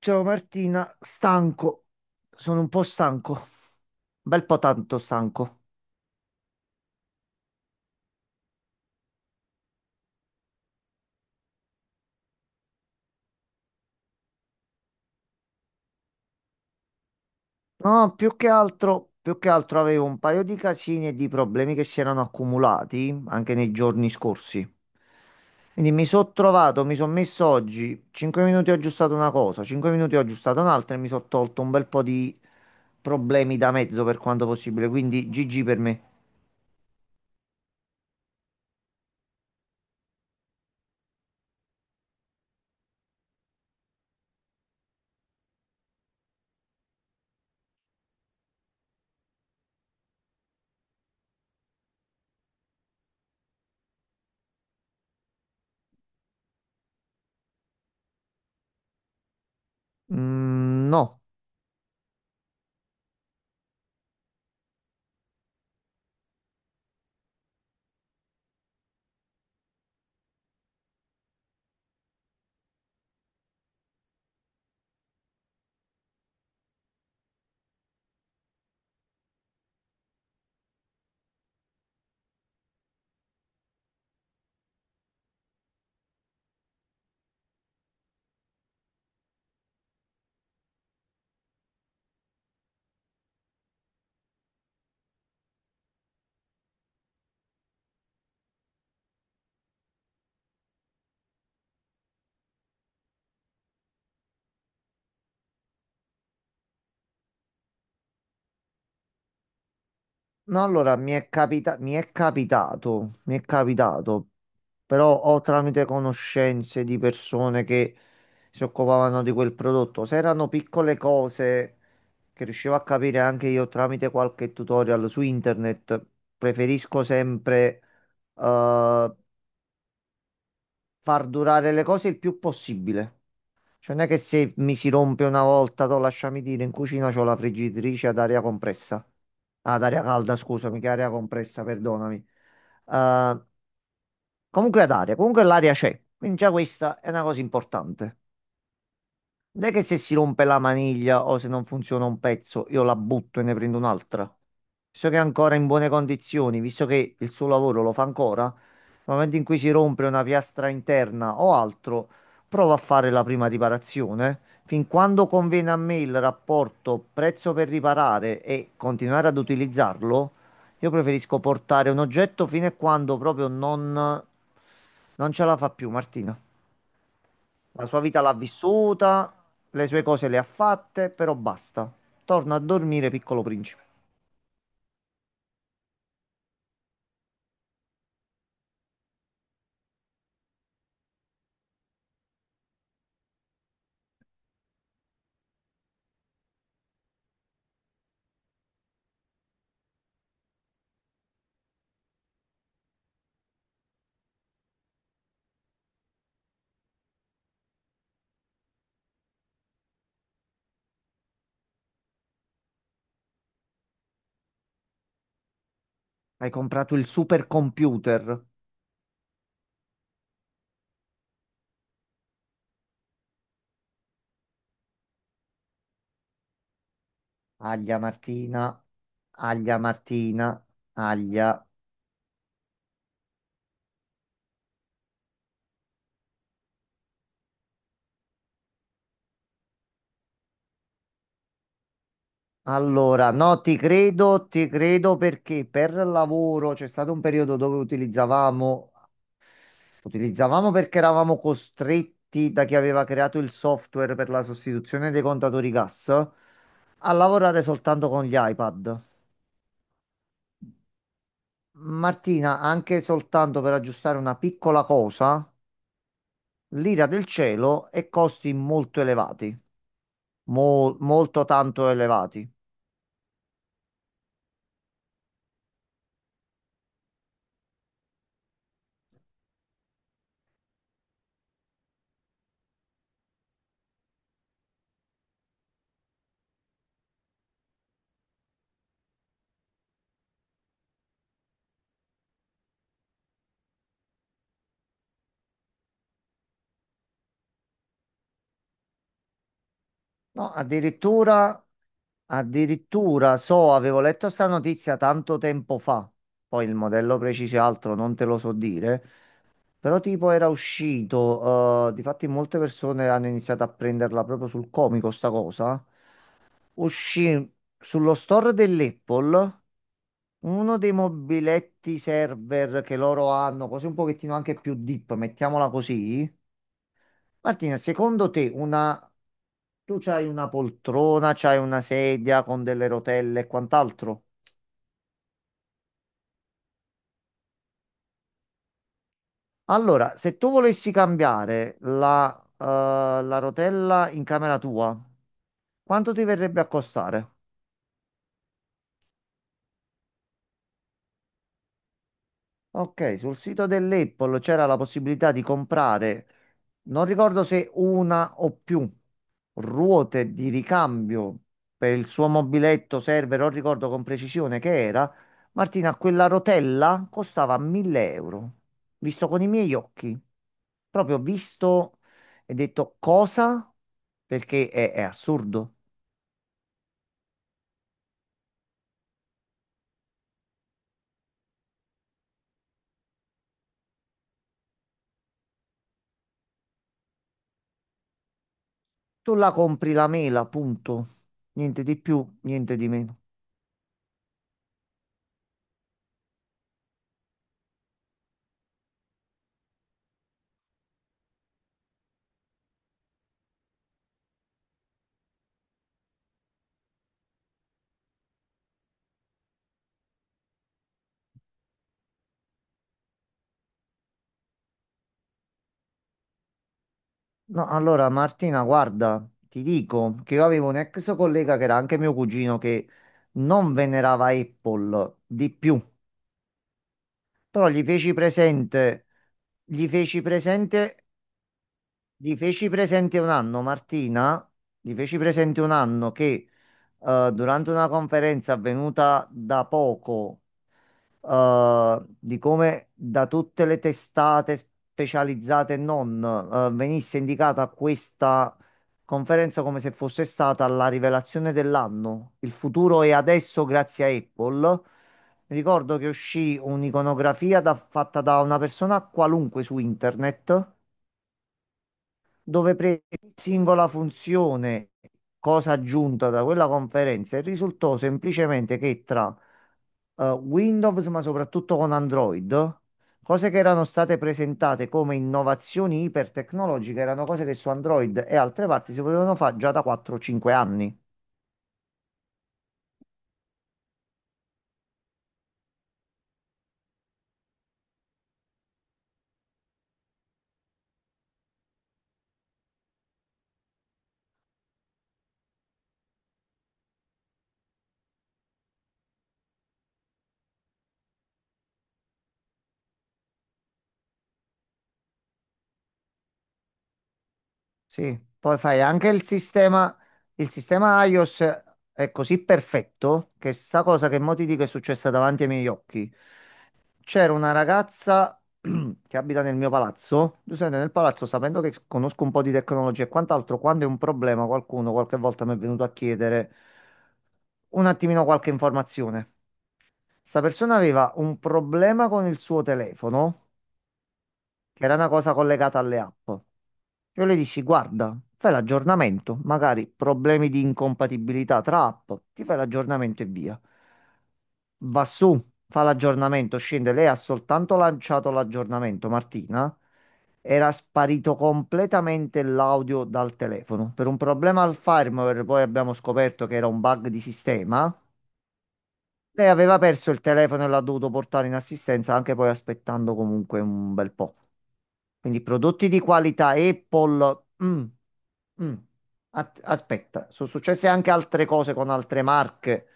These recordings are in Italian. Ciao Martina, stanco, sono un po' stanco, un bel po' tanto stanco. No, più che altro avevo un paio di casini e di problemi che si erano accumulati anche nei giorni scorsi. Quindi mi sono messo oggi, 5 minuti ho aggiustato una cosa, 5 minuti ho aggiustato un'altra e mi sono tolto un bel po' di problemi da mezzo per quanto possibile, quindi GG per me. Mm, no. No, allora mi è capitato, però ho tramite conoscenze di persone che si occupavano di quel prodotto. Se erano piccole cose che riuscivo a capire anche io tramite qualche tutorial su internet, preferisco sempre eh, far durare le cose il più possibile. Cioè, non è che se mi si rompe una volta, to, lasciami dire, in cucina c'ho la friggitrice ad aria compressa. Ah, ad aria calda, scusami, che aria compressa, perdonami. Eh, Comunque ad aria, comunque l'aria c'è. Quindi già questa è una cosa importante. Non è che se si rompe la maniglia o se non funziona un pezzo, io la butto e ne prendo un'altra. Visto che è ancora in buone condizioni, visto che il suo lavoro lo fa ancora, nel momento in cui si rompe una piastra interna o altro, provo a fare la prima riparazione. Fin quando conviene a me il rapporto prezzo per riparare e continuare ad utilizzarlo, io preferisco portare un oggetto fino a quando proprio non, non ce la fa più, Martina. La sua vita l'ha vissuta, le sue cose le ha fatte, però basta. Torna a dormire, piccolo principe. Hai comprato il supercomputer. Aglia Martina, aglia Martina, aglia. Allora, no, ti credo perché per lavoro c'è stato un periodo dove utilizzavamo perché eravamo costretti da chi aveva creato il software per la sostituzione dei contatori gas a lavorare soltanto con gli iPad. Martina, anche soltanto per aggiustare una piccola cosa, l'ira del cielo e costi molto elevati, molto tanto elevati. No, addirittura so, avevo letto sta notizia tanto tempo fa, poi il modello preciso e altro non te lo so dire, però tipo era uscito, difatti molte persone hanno iniziato a prenderla proprio sul comico sta cosa, uscì sullo store dell'Apple. Uno dei mobiletti server che loro hanno, così un pochettino anche più deep, mettiamola così. Martina, secondo te una... tu c'hai una poltrona, c'hai una sedia con delle rotelle e quant'altro? Allora, se tu volessi cambiare la rotella in camera tua, quanto ti verrebbe a costare? Ok, sul sito dell'Apple c'era la possibilità di comprare, non ricordo se una o più ruote di ricambio per il suo mobiletto server, non ricordo con precisione che era. Martina, quella rotella costava 1000 euro, visto con i miei occhi. Proprio visto e detto cosa? Perché è assurdo. Tu la compri la mela, punto. Niente di più, niente di meno. No, allora Martina, guarda, ti dico che io avevo un ex collega che era anche mio cugino che non venerava Apple di più, però gli feci presente, gli feci presente, gli feci presente un anno, Martina, gli feci presente un anno che durante una conferenza avvenuta da poco di come da tutte le testate specializzate e non, venisse indicata questa conferenza come se fosse stata la rivelazione dell'anno. Il futuro è adesso grazie a Apple. Mi ricordo che uscì un'iconografia fatta da una persona qualunque su internet, dove prese ogni singola funzione, cosa aggiunta da quella conferenza, e risultò semplicemente che tra Windows, ma soprattutto con Android, cose che erano state presentate come innovazioni ipertecnologiche, erano cose che su Android e altre parti si potevano fare già da 4-5 anni. Sì, poi fai anche il sistema iOS è così perfetto che sta cosa che mo ti dico è successa davanti ai miei occhi. C'era una ragazza che abita nel mio palazzo. Giuseppe, nel palazzo, sapendo che conosco un po' di tecnologia e quant'altro, quando è un problema, qualcuno qualche volta mi è venuto a chiedere un attimino qualche informazione. Sta persona aveva un problema con il suo telefono che era una cosa collegata alle app. Io le dissi, guarda, fai l'aggiornamento, magari problemi di incompatibilità tra app, ti fai l'aggiornamento e via. Va su, fa l'aggiornamento, scende. Lei ha soltanto lanciato l'aggiornamento, Martina. Era sparito completamente l'audio dal telefono. Per un problema al firmware, poi abbiamo scoperto che era un bug di sistema. Lei aveva perso il telefono e l'ha dovuto portare in assistenza, anche poi aspettando comunque un bel po'. Quindi prodotti di qualità Apple. Mm, mm. Aspetta, sono successe anche altre cose con altre marche.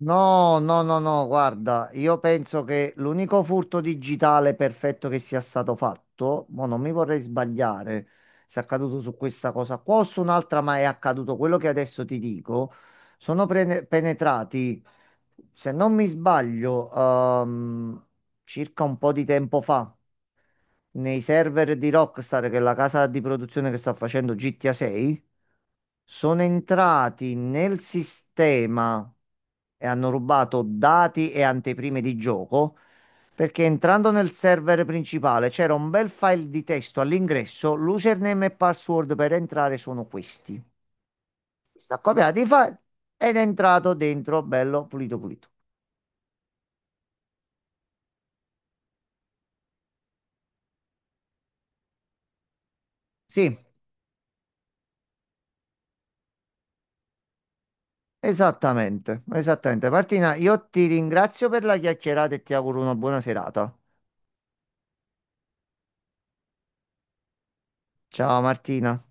No, no, no, no, guarda, io penso che l'unico furto digitale perfetto che sia stato fatto, ma non mi vorrei sbagliare se è accaduto su questa cosa qua o su un'altra, ma è accaduto quello che adesso ti dico, sono penetrati, se non mi sbaglio, circa un po' di tempo fa nei server di Rockstar, che è la casa di produzione che sta facendo GTA 6, sono entrati nel sistema e hanno rubato dati e anteprime di gioco. Perché entrando nel server principale c'era un bel file di testo all'ingresso, l'username e password per entrare sono questi. Sta copiato i file ed è entrato dentro, bello pulito pulito. Sì, esattamente, esattamente. Martina, io ti ringrazio per la chiacchierata e ti auguro una buona serata. Ciao Martina.